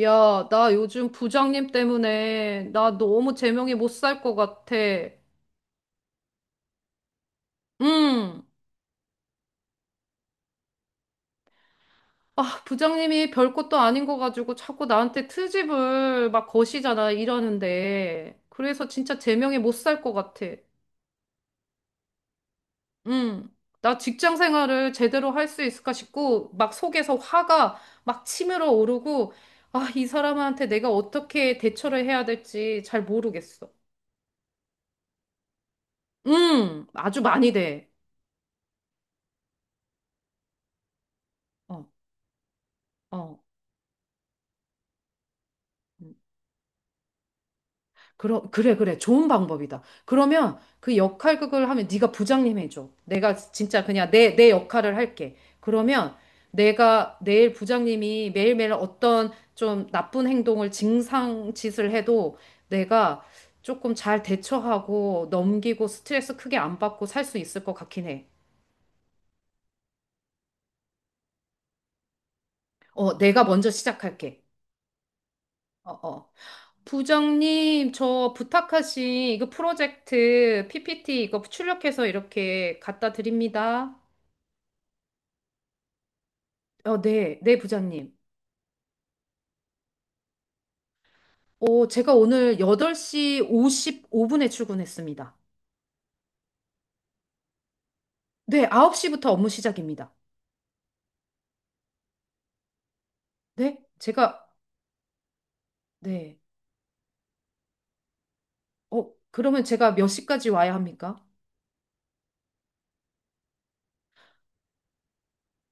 야, 나 요즘 부장님 때문에 나 너무 제명이 못 살 것 같아. 응. 아, 부장님이 별것도 아닌 거 가지고 자꾸 나한테 트집을 막 거시잖아, 이러는데. 그래서 진짜 제명이 못 살 것 같아. 응. 나 직장 생활을 제대로 할 수 있을까 싶고, 막 속에서 화가 막 치밀어 오르고, 아, 이 사람한테 내가 어떻게 대처를 해야 될지 잘 모르겠어. 응, 아주 많이 돼. 어, 어. 응. 그래, 그래. 좋은 방법이다. 그러면 그 역할극을 하면 네가 부장님 해줘. 내가 진짜 그냥 내 역할을 할게. 그러면 내가 내일 부장님이 매일매일 어떤 좀 나쁜 행동을 증상 짓을 해도 내가 조금 잘 대처하고 넘기고 스트레스 크게 안 받고 살 수 있을 것 같긴 해. 어, 내가 먼저 시작할게. 어, 어. 부장님, 저 부탁하신 이거 프로젝트 PPT 이거 출력해서 이렇게 갖다 드립니다. 어, 네, 네, 부장님. 어, 제가 오늘 8시 55분에 출근했습니다. 네, 9시부터 업무 시작입니다. 네? 제가, 네. 어, 그러면 제가 몇 시까지 와야 합니까?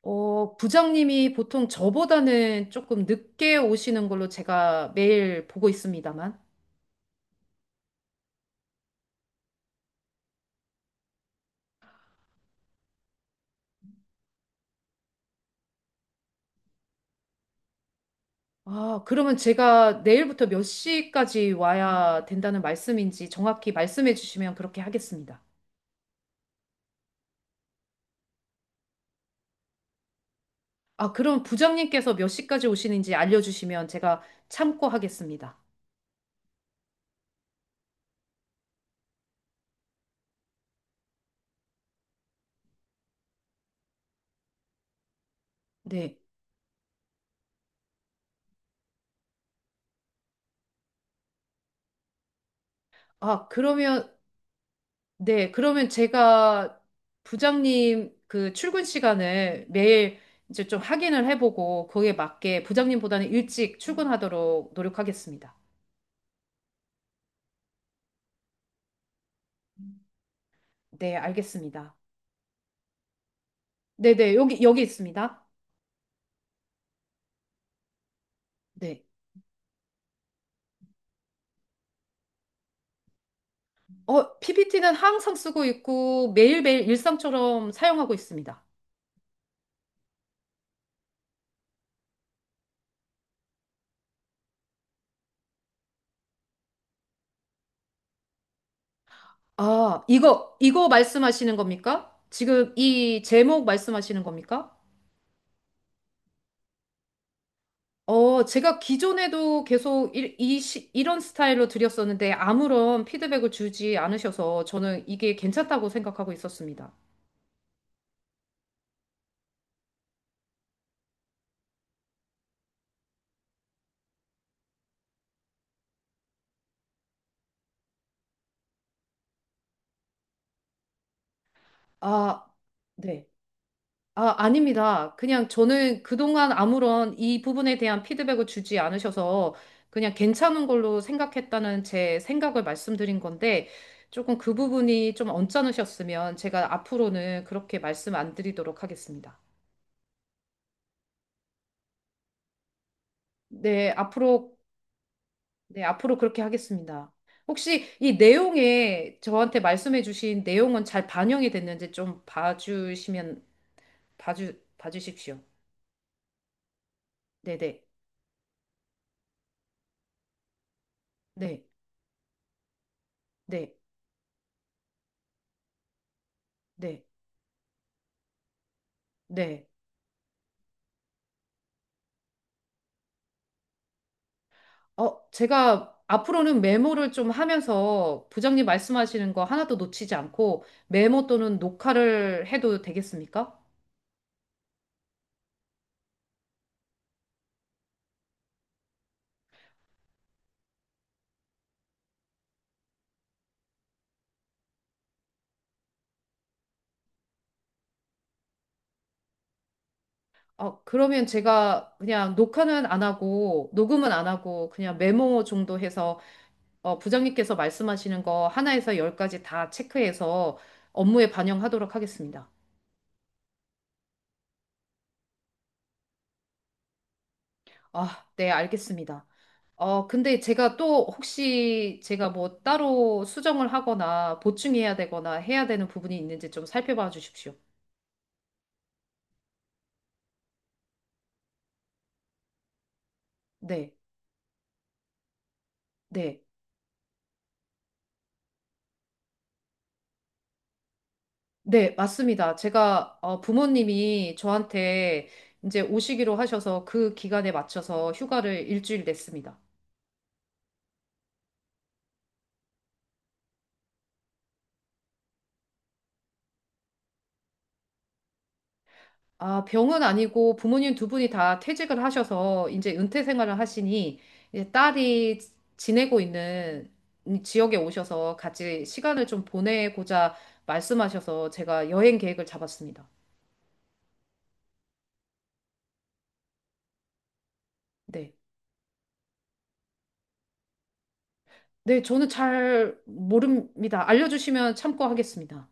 어, 부장님이 보통 저보다는 조금 늦게 오시는 걸로 제가 매일 보고 있습니다만. 아, 그러면 제가 내일부터 몇 시까지 와야 된다는 말씀인지 정확히 말씀해 주시면 그렇게 하겠습니다. 아, 그럼 부장님께서 몇 시까지 오시는지 알려주시면 제가 참고하겠습니다. 네. 아, 그러면, 네. 그러면 제가 부장님 그 출근 시간을 매일 이제 좀 확인을 해보고 거기에 맞게 부장님보다는 일찍 출근하도록 노력하겠습니다. 네, 알겠습니다. 네네, 여기 있습니다. 네. 어, PPT는 항상 쓰고 있고 매일매일 일상처럼 사용하고 있습니다. 아, 이거 말씀하시는 겁니까? 지금 이 제목 말씀하시는 겁니까? 어, 제가 기존에도 계속 이런 스타일로 드렸었는데 아무런 피드백을 주지 않으셔서 저는 이게 괜찮다고 생각하고 있었습니다. 아, 네. 아, 아닙니다. 그냥 저는 그동안 아무런 이 부분에 대한 피드백을 주지 않으셔서 그냥 괜찮은 걸로 생각했다는 제 생각을 말씀드린 건데 조금 그 부분이 좀 언짢으셨으면 제가 앞으로는 그렇게 말씀 안 드리도록 하겠습니다. 네, 앞으로, 네, 앞으로 그렇게 하겠습니다. 혹시 이 내용에 저한테 말씀해 주신 내용은 잘 반영이 됐는지 좀 봐주시면, 봐주십시오. 네네, 네, 네, 네, 네. 네. 어, 제가 앞으로는 메모를 좀 하면서 부장님 말씀하시는 거 하나도 놓치지 않고 메모 또는 녹화를 해도 되겠습니까? 어, 그러면 제가 그냥 녹화는 안 하고 녹음은 안 하고 그냥 메모 정도 해서 어, 부장님께서 말씀하시는 거 하나에서 열까지 다 체크해서 업무에 반영하도록 하겠습니다. 아, 네, 알겠습니다. 어, 근데 제가 또 혹시 제가 뭐 따로 수정을 하거나 보충해야 되거나 해야 되는 부분이 있는지 좀 살펴봐 주십시오. 네, 네, 네, 맞습니다. 제가 어, 부모님이 저한테 이제 오시기로 하셔서 그 기간에 맞춰서 휴가를 일주일 냈습니다. 아, 병은 아니고 부모님 두 분이 다 퇴직을 하셔서 이제 은퇴 생활을 하시니 이제 딸이 지내고 있는 이 지역에 오셔서 같이 시간을 좀 보내고자 말씀하셔서 제가 여행 계획을 잡았습니다. 네. 네, 저는 잘 모릅니다. 알려주시면 참고하겠습니다.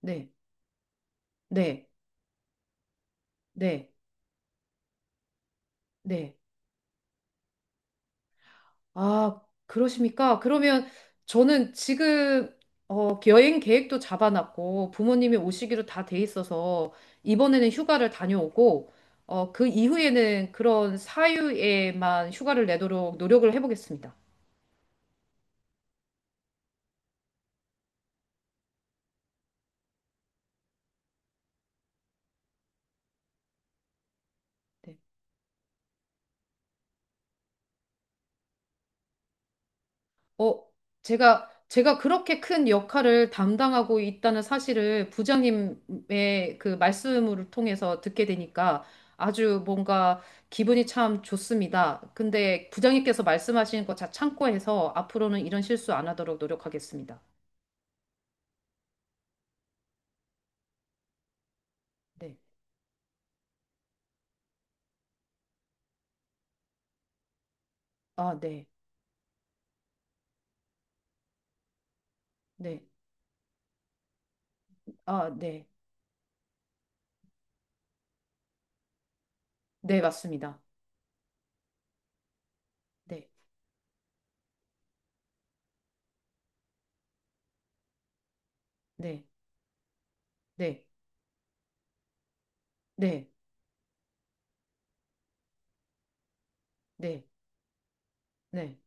네. 네. 네. 네. 아, 그러십니까? 그러면 저는 지금 어, 여행 계획도 잡아놨고 부모님이 오시기로 다 돼 있어서 이번에는 휴가를 다녀오고 어, 그 이후에는 그런 사유에만 휴가를 내도록 노력을 해보겠습니다. 네. 어, 제가 그렇게 큰 역할을 담당하고 있다는 사실을 부장님의 그 말씀을 통해서 듣게 되니까 아주 뭔가 기분이 참 좋습니다. 근데 부장님께서 말씀하신 거 다 참고해서 앞으로는 이런 실수 안 하도록 노력하겠습니다. 네. 아, 네. 네. 아, 네. 네, 맞습니다. 네. 네. 네. 네. 네. 네.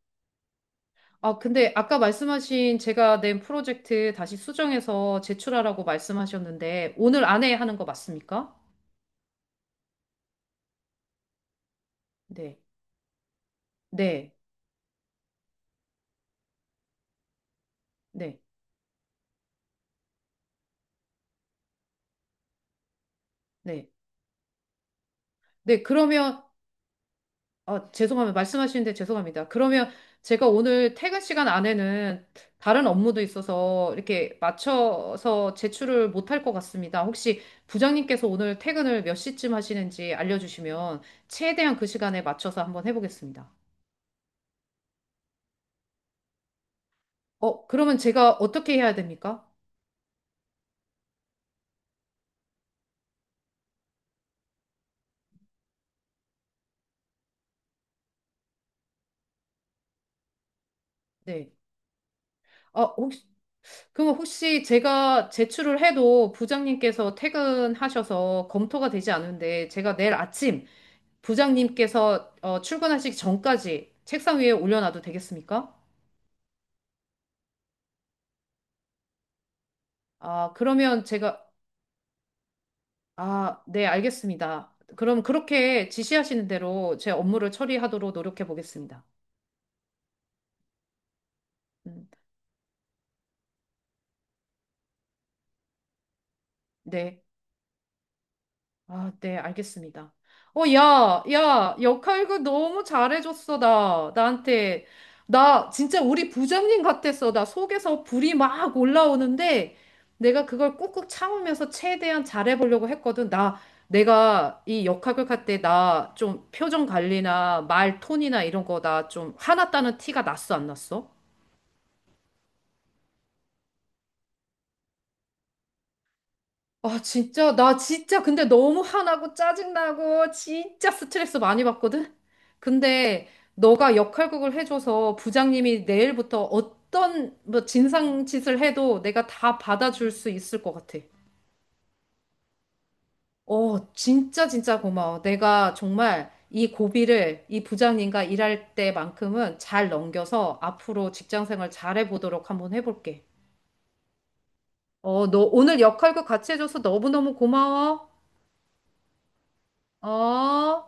아, 근데 아까 말씀하신 제가 낸 프로젝트 다시 수정해서 제출하라고 말씀하셨는데, 오늘 안에 하는 거 맞습니까? 네. 네. 네. 네. 네. 그러면, 아, 죄송합니다. 말씀하시는데 죄송합니다. 그러면 제가 오늘 퇴근 시간 안에는 다른 업무도 있어서 이렇게 맞춰서 제출을 못할 것 같습니다. 혹시 부장님께서 오늘 퇴근을 몇 시쯤 하시는지 알려주시면 최대한 그 시간에 맞춰서 한번 해보겠습니다. 어, 그러면 제가 어떻게 해야 됩니까? 네. 어, 혹시, 그럼 혹시 제가 제출을 해도 부장님께서 퇴근하셔서 검토가 되지 않은데 제가 내일 아침 부장님께서 어, 출근하시기 전까지 책상 위에 올려놔도 되겠습니까? 아, 그러면 제가, 아, 네, 알겠습니다. 그럼 그렇게 지시하시는 대로 제 업무를 처리하도록 노력해 보겠습니다. 음, 네. 아, 네, 알겠습니다. 어, 야, 야, 역할극 너무 잘해줬어, 나. 나한테. 나 진짜 우리 부장님 같았어. 나 속에서 불이 막 올라오는데 내가 그걸 꾹꾹 참으면서 최대한 잘해보려고 했거든. 나, 내가 이 역할극 할 때 나 좀 표정 관리나 말 톤이나 이런 거 나 좀 화났다는 티가 났어, 안 났어? 아, 진짜, 나 진짜 근데 너무 화나고 짜증나고 진짜 스트레스 많이 받거든? 근데 너가 역할극을 해줘서 부장님이 내일부터 어떤 뭐 진상짓을 해도 내가 다 받아줄 수 있을 것 같아. 어, 진짜 진짜 고마워. 내가 정말 이 고비를 이 부장님과 일할 때만큼은 잘 넘겨서 앞으로 직장 생활 잘해 보도록 한번 해볼게. 어, 너 오늘 역할극 같이 해줘서 너무너무 고마워. 어.